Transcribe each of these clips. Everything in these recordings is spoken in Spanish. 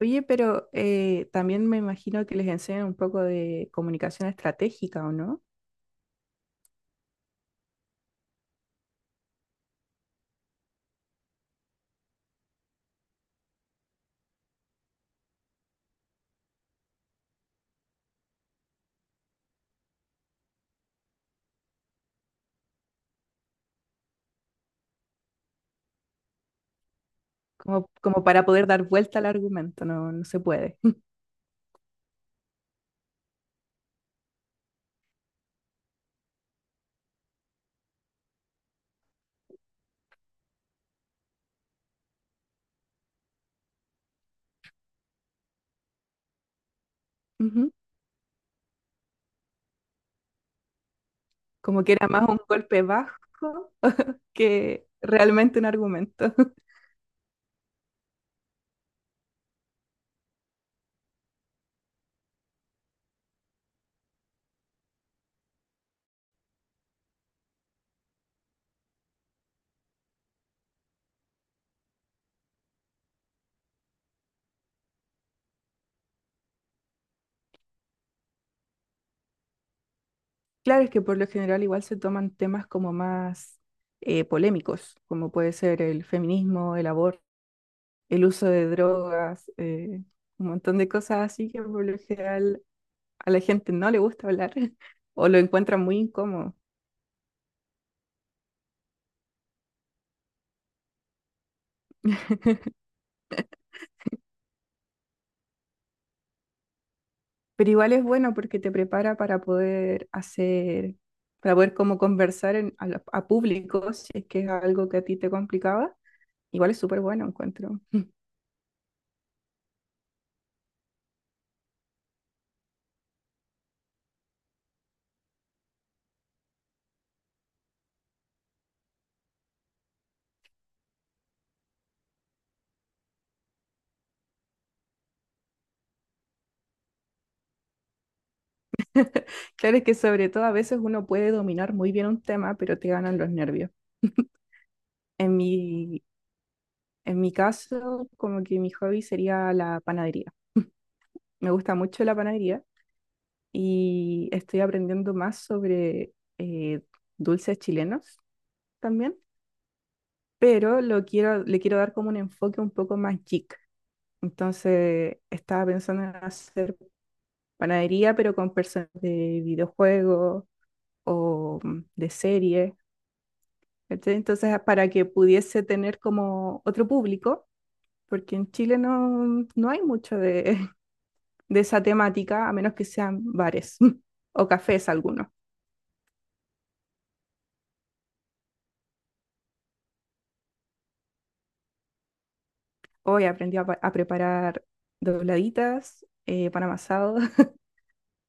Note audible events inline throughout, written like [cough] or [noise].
Oye, pero también me imagino que les enseñan un poco de comunicación estratégica, ¿o no? Como, para poder dar vuelta al argumento, no, no se puede. [laughs] Ujú. Como que era más un golpe bajo que realmente un argumento. [laughs] Claro, es que por lo general igual se toman temas como más polémicos, como puede ser el feminismo, el aborto, el uso de drogas, un montón de cosas así que por lo general a la gente no le gusta hablar [laughs] o lo encuentran muy incómodo. Pero igual es bueno porque te prepara para poder hacer, para poder como conversar en- a, lo- a público, si es que es algo que a ti te complicaba. Igual es súper bueno, encuentro. [laughs] Claro, es que sobre todo a veces uno puede dominar muy bien un tema, pero te ganan los nervios. [laughs] En mi, en mi caso, como que mi hobby sería la panadería. Me gusta mucho la panadería y estoy aprendiendo más sobre eh, dulces chilenos también. Pero lo quiero, le quiero dar como un enfoque un poco más geek. Entonces, estaba pensando en hacer panadería, pero con personas de videojuegos o de series. ¿Cachai? Entonces, para que pudiese tener como otro público, porque en Chile no, no hay mucho de, [laughs] de esa temática, a menos que sean bares [laughs] o cafés algunos. Hoy aprendí a, pa- a preparar dobladitas, pan amasado.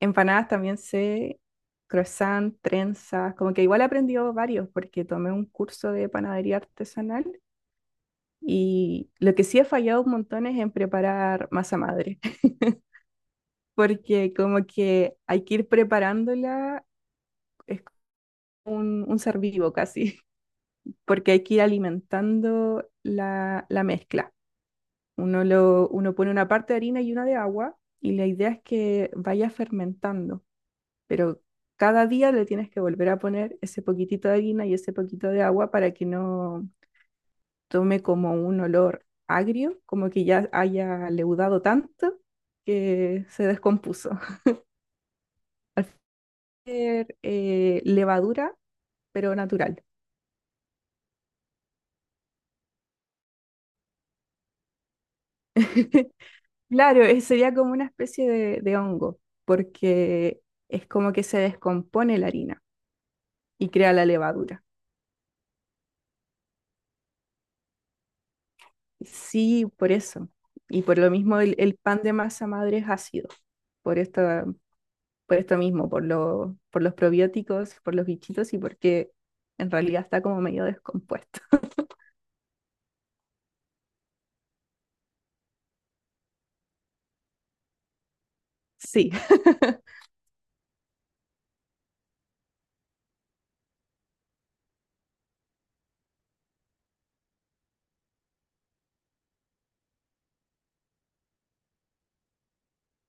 Empanadas también sé, croissant, trenzas, como que igual he aprendido varios porque tomé un curso de panadería artesanal y lo que sí he fallado un montón es en preparar masa madre, [laughs] porque como que hay que ir preparándola, es como un ser vivo casi, [laughs] porque hay que ir alimentando la, la mezcla. Uno, lo, uno pone una parte de harina y una de agua y la idea es que vaya fermentando. Pero cada día le tienes que volver a poner ese poquitito de harina y ese poquito de agua para que no tome como un olor agrio, como que ya haya leudado tanto que se descompuso. [laughs] Al final levadura, pero natural. [laughs] Claro, sería como una especie de hongo, porque es como que se descompone la harina y crea la levadura. Sí, por eso. Y por lo mismo el pan de masa madre es ácido, por esta, por esto mismo, por lo, por los probióticos, por los bichitos y porque en realidad está como medio descompuesto. [laughs] Sí, [laughs]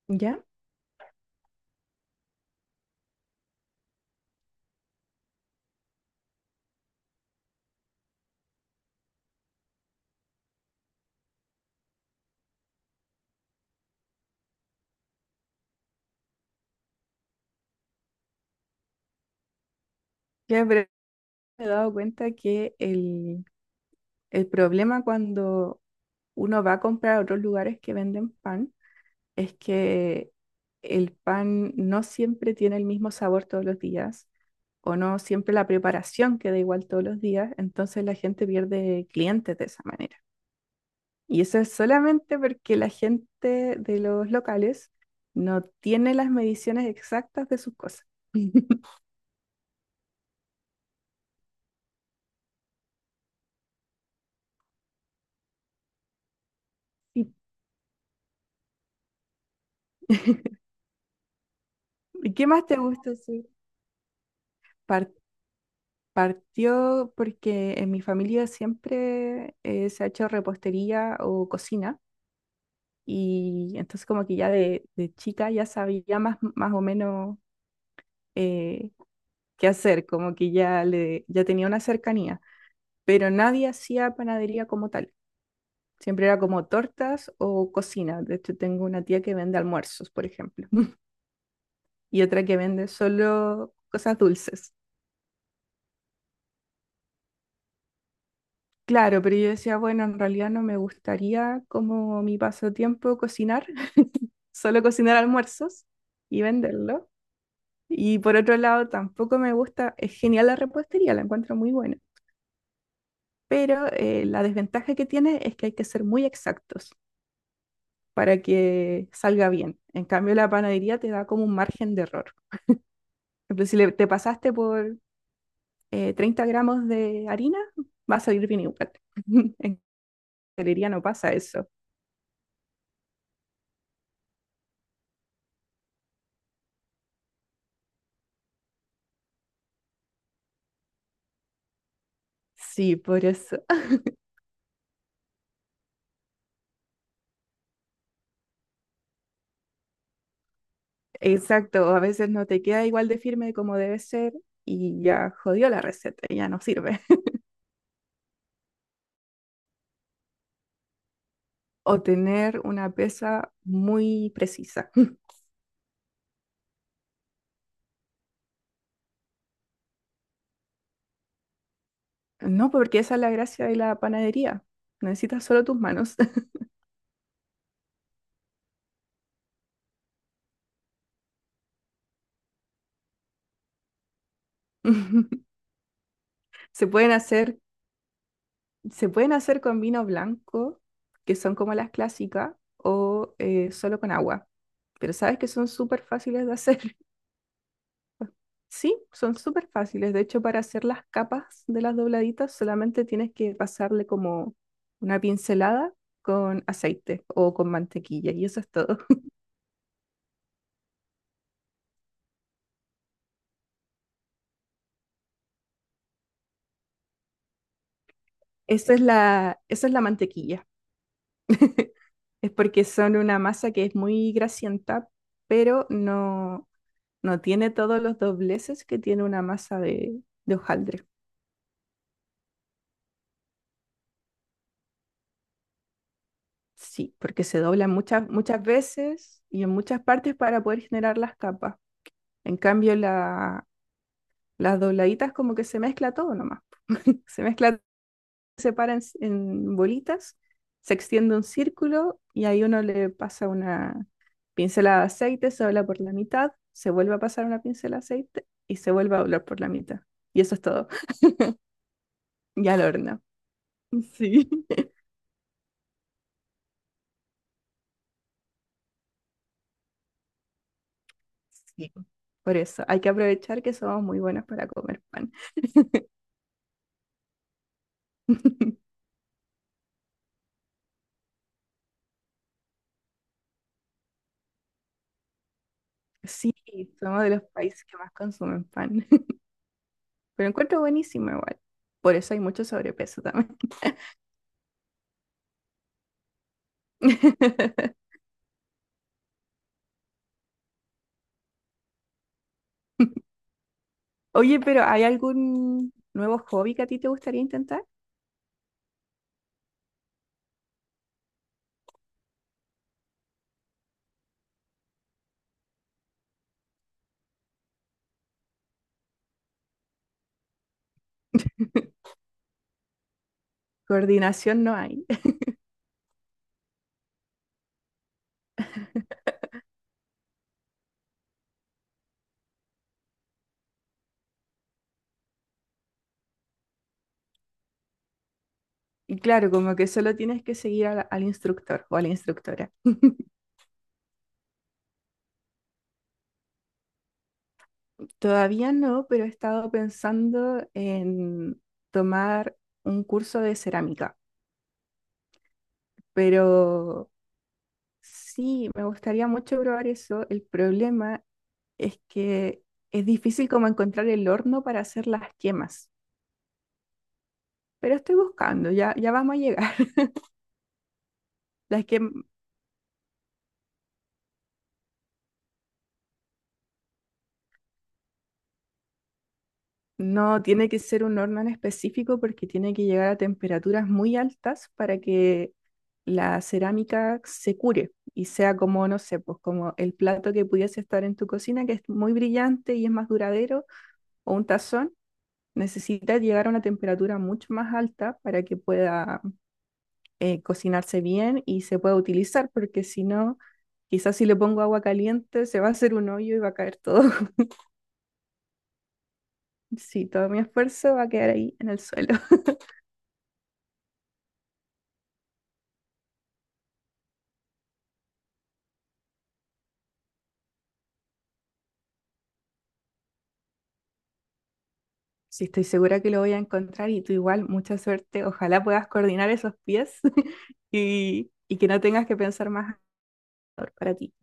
ya, ya pero me he dado cuenta que el problema cuando uno va a comprar a otros lugares que venden pan es que el pan no siempre tiene el mismo sabor todos los días o no siempre la preparación queda igual todos los días, entonces la gente pierde clientes de esa manera. Y eso es solamente porque la gente de los locales no tiene las mediciones exactas de sus cosas. [laughs] ¿Y [laughs] y qué más te gusta hacer? Par- partió porque en mi familia siempre se ha hecho repostería o cocina y entonces como que ya de chica ya sabía más, más o menos eh, qué hacer, como que ya, le, ya tenía una cercanía, pero nadie hacía panadería como tal. Siempre era como tortas o cocina. De hecho, tengo una tía que vende almuerzos, por ejemplo, [laughs] y otra que vende solo cosas dulces. Claro, pero yo decía, bueno, en realidad no me gustaría como mi pasatiempo cocinar, [laughs] solo cocinar almuerzos y venderlo. Y por otro lado, tampoco me gusta, es genial la repostería, la encuentro muy buena, pero la desventaja que tiene es que hay que ser muy exactos para que salga bien. En cambio, la panadería te da como un margen de error. Por ejemplo, si le- te pasaste por 30 gramos de harina, va a salir bien igual. [laughs] En galería no pasa eso. Sí, por eso. Exacto, a veces no te queda igual de firme como debe ser y ya jodió la receta, ya no sirve. [laughs] O tener una pesa muy precisa. [laughs] No, porque esa es la gracia de la panadería. Necesitas solo tus manos. [laughs] Se pueden hacer Se pueden hacer con vino blanco, que son como las clásicas, o solo con agua. Pero sabes que son súper fáciles de hacer. [laughs] Sí, son súper fáciles. De hecho, para hacer las capas de las dobladitas, solamente tienes que pasarle como una pincelada con aceite o con mantequilla, y eso es todo. [laughs] Esa es la mantequilla. [laughs] Es porque son una masa que es muy grasienta, pero no, no tiene todos los dobleces que tiene una masa de hojaldre. Sí, porque se dobla muchas, muchas veces y en muchas partes para poder generar las capas. En cambio, la, las dobladitas como que se mezcla todo nomás. [laughs] Se mezcla, se para en bolitas, se extiende un círculo y ahí uno le pasa una pincelada de aceite, se dobla por la mitad, se vuelve a pasar una pincelada de aceite y se vuelve a doblar por la mitad. Y eso es todo. [laughs] Y al horno. Sí. Sí, por eso hay que aprovechar que somos muy buenos para comer pan. [laughs] Sí, somos de los países que más consumen pan, [laughs] pero encuentro buenísimo igual. Por eso hay mucho sobrepeso también. [laughs] Oye, pero ¿hay algún nuevo hobby que a ti te gustaría intentar? Coordinación no hay. [laughs] Y claro, como que solo tienes que seguir al, al instructor o a la instructora. [laughs] Todavía no, pero he estado pensando en tomar un curso de cerámica, pero sí, me gustaría mucho probar eso. El problema es que es difícil como encontrar el horno para hacer las quemas. Pero estoy buscando, ya, ya vamos a llegar. [laughs] Las que no tiene que ser un horno en específico porque tiene que llegar a temperaturas muy altas para que la cerámica se cure y sea como, no sé, pues como el plato que pudiese estar en tu cocina, que es muy brillante y es más duradero, o un tazón, necesita llegar a una temperatura mucho más alta para que pueda cocinarse bien y se pueda utilizar, porque si no, quizás si le pongo agua caliente se va a hacer un hoyo y va a caer todo. [laughs] Sí, todo mi esfuerzo va a quedar ahí en el suelo. [laughs] Sí, estoy segura que lo voy a encontrar y tú igual, mucha suerte. Ojalá puedas coordinar esos pies [laughs] y que no tengas que pensar más para ti.